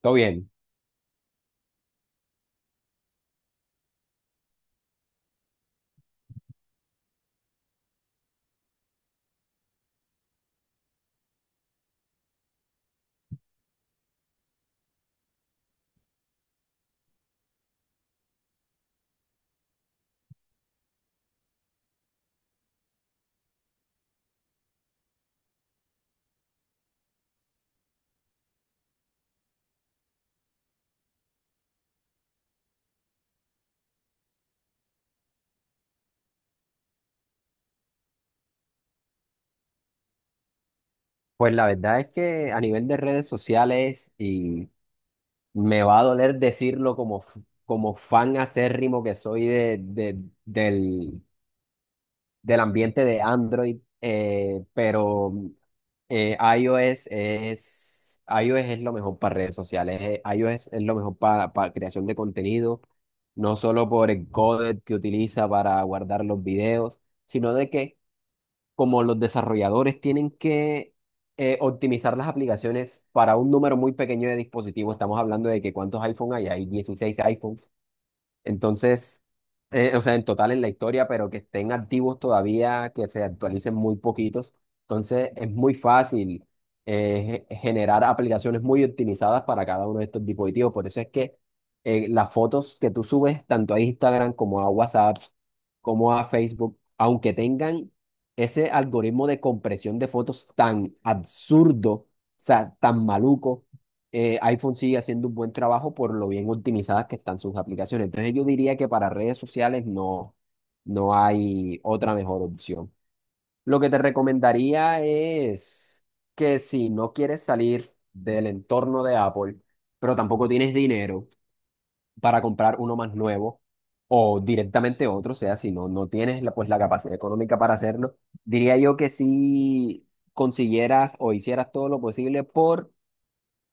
Todo bien. Pues la verdad es que a nivel de redes sociales, y me va a doler decirlo como fan acérrimo que soy del, del ambiente de Android, pero iOS es lo mejor para redes sociales. iOS es lo mejor para, creación de contenido, no solo por el codec que utiliza para guardar los videos, sino de que como los desarrolladores tienen que optimizar las aplicaciones para un número muy pequeño de dispositivos. Estamos hablando de que cuántos iPhone hay 16 iPhone, entonces, o sea, en total en la historia, pero que estén activos todavía, que se actualicen muy poquitos. Entonces, es muy fácil generar aplicaciones muy optimizadas para cada uno de estos dispositivos. Por eso es que las fotos que tú subes tanto a Instagram como a WhatsApp, como a Facebook, aunque tengan ese algoritmo de compresión de fotos tan absurdo, o sea, tan maluco, iPhone sigue haciendo un buen trabajo por lo bien optimizadas que están sus aplicaciones. Entonces yo diría que para redes sociales no, no hay otra mejor opción. Lo que te recomendaría es que si no quieres salir del entorno de Apple, pero tampoco tienes dinero para comprar uno más nuevo o directamente otro, o sea, si no, no tienes la, pues, la capacidad económica para hacerlo, diría yo que si consiguieras o hicieras todo lo posible por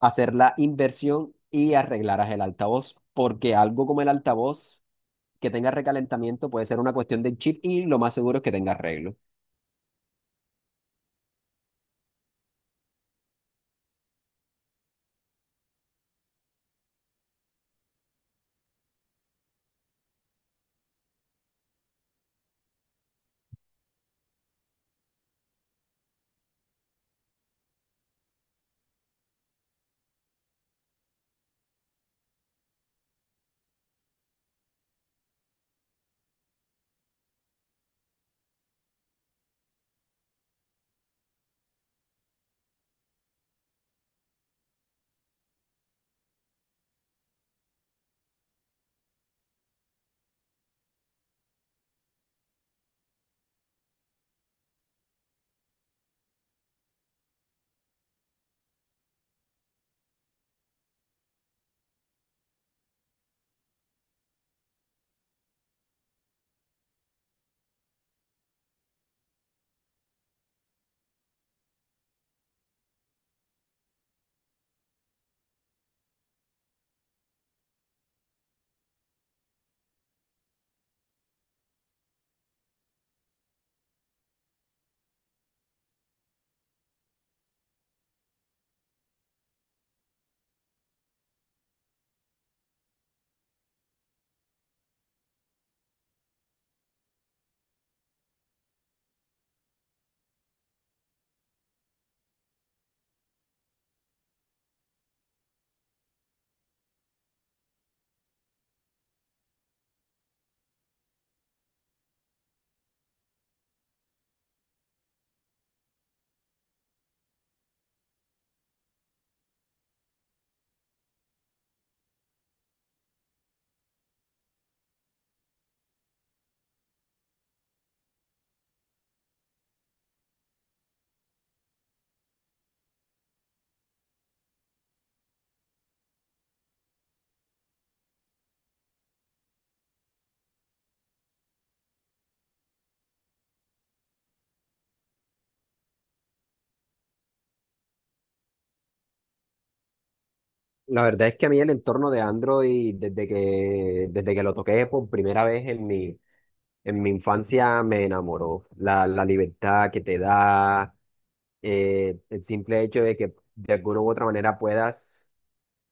hacer la inversión y arreglarás el altavoz, porque algo como el altavoz que tenga recalentamiento puede ser una cuestión del chip y lo más seguro es que tenga arreglo. La verdad es que a mí el entorno de Android, desde que lo toqué por primera vez en mi infancia, me enamoró. La libertad que te da, el simple hecho de que de alguna u otra manera puedas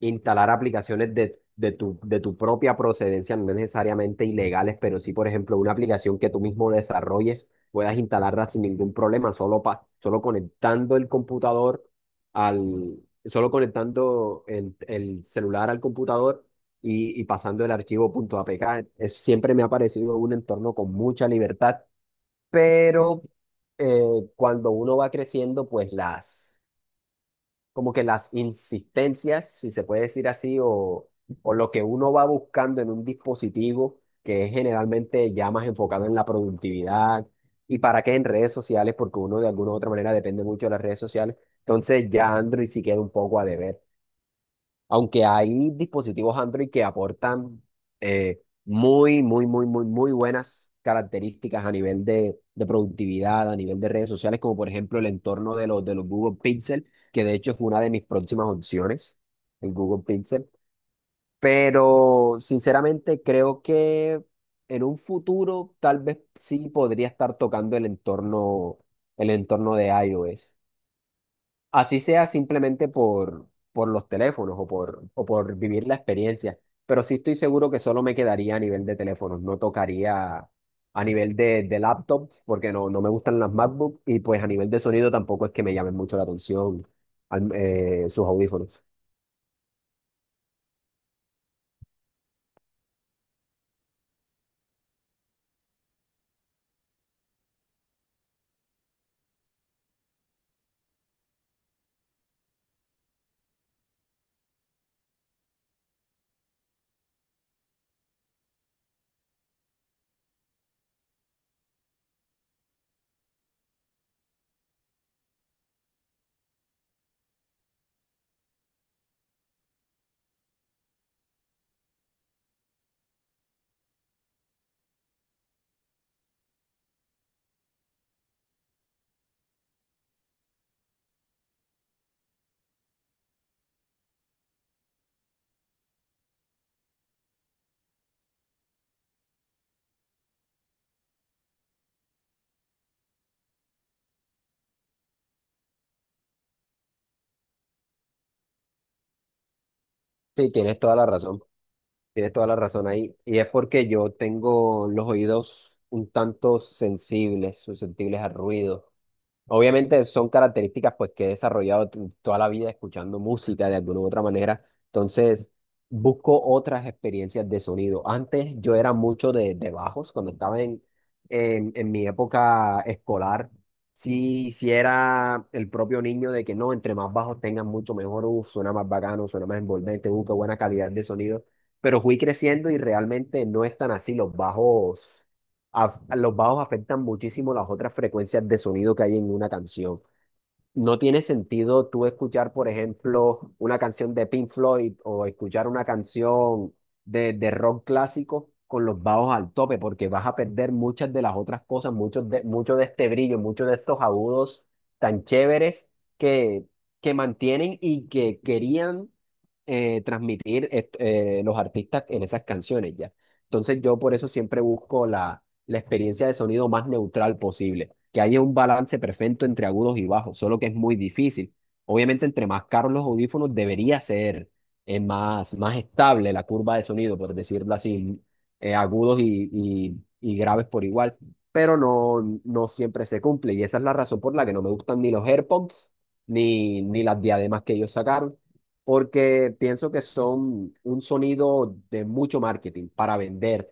instalar aplicaciones de tu propia procedencia, no necesariamente ilegales, pero sí, por ejemplo, una aplicación que tú mismo desarrolles, puedas instalarla sin ningún problema, solo conectando el computador al, solo conectando el celular al computador y pasando el archivo punto .apk. Siempre me ha parecido un entorno con mucha libertad, pero cuando uno va creciendo, pues las como que las insistencias, si se puede decir así, o lo que uno va buscando en un dispositivo que es generalmente ya más enfocado en la productividad y para qué en redes sociales, porque uno de alguna u otra manera depende mucho de las redes sociales. Entonces ya Android sí queda un poco a deber. Aunque hay dispositivos Android que aportan muy, muy, muy, muy, muy buenas características a nivel de productividad, a nivel de redes sociales, como por ejemplo el entorno de los Google Pixel, que de hecho es una de mis próximas opciones, el Google Pixel. Pero sinceramente creo que en un futuro tal vez sí podría estar tocando el entorno de iOS. Así sea simplemente por, los teléfonos o por vivir la experiencia, pero sí estoy seguro que solo me quedaría a nivel de teléfonos, no tocaría a nivel de laptops porque no, no me gustan las MacBook y pues a nivel de sonido tampoco es que me llamen mucho la atención sus audífonos. Sí, tienes toda la razón, tienes toda la razón ahí y es porque yo tengo los oídos un tanto sensibles, susceptibles al ruido. Obviamente son características pues que he desarrollado toda la vida escuchando música de alguna u otra manera. Entonces, busco otras experiencias de sonido. Antes yo era mucho de bajos, cuando estaba en mi época escolar, sí, sí era el propio niño de que no, entre más bajos tengan mucho mejor, suena más bacano, suena más envolvente, qué buena calidad de sonido. Pero fui creciendo y realmente no es tan así. Los bajos afectan muchísimo las otras frecuencias de sonido que hay en una canción. No tiene sentido tú escuchar, por ejemplo, una canción de Pink Floyd o escuchar una canción de rock clásico con los bajos al tope, porque vas a perder muchas de las otras cosas, mucho de este brillo, muchos de estos agudos tan chéveres que, que mantienen y que querían transmitir los artistas en esas canciones ya. Entonces yo por eso siempre busco la experiencia de sonido más neutral posible que haya un balance perfecto entre agudos y bajos, solo que es muy difícil. Obviamente, entre más caros los audífonos, debería ser más, estable la curva de sonido, por decirlo así, agudos y graves por igual, pero no, no siempre se cumple y esa es la razón por la que no me gustan ni los AirPods ni las diademas que ellos sacaron porque pienso que son un sonido de mucho marketing para vender,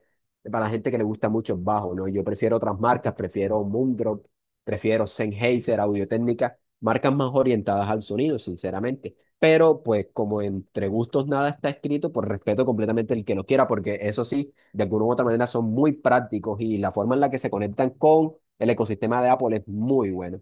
para la gente que le gusta mucho el bajo, ¿no? Yo prefiero otras marcas, prefiero Moondrop, prefiero Sennheiser, Audio-Técnica, marcas más orientadas al sonido, sinceramente. Pero pues como entre gustos nada está escrito, pues respeto completamente el que lo quiera, porque eso sí, de alguna u otra manera son muy prácticos y la forma en la que se conectan con el ecosistema de Apple es muy bueno.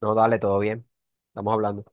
No, dale, todo bien. Estamos hablando.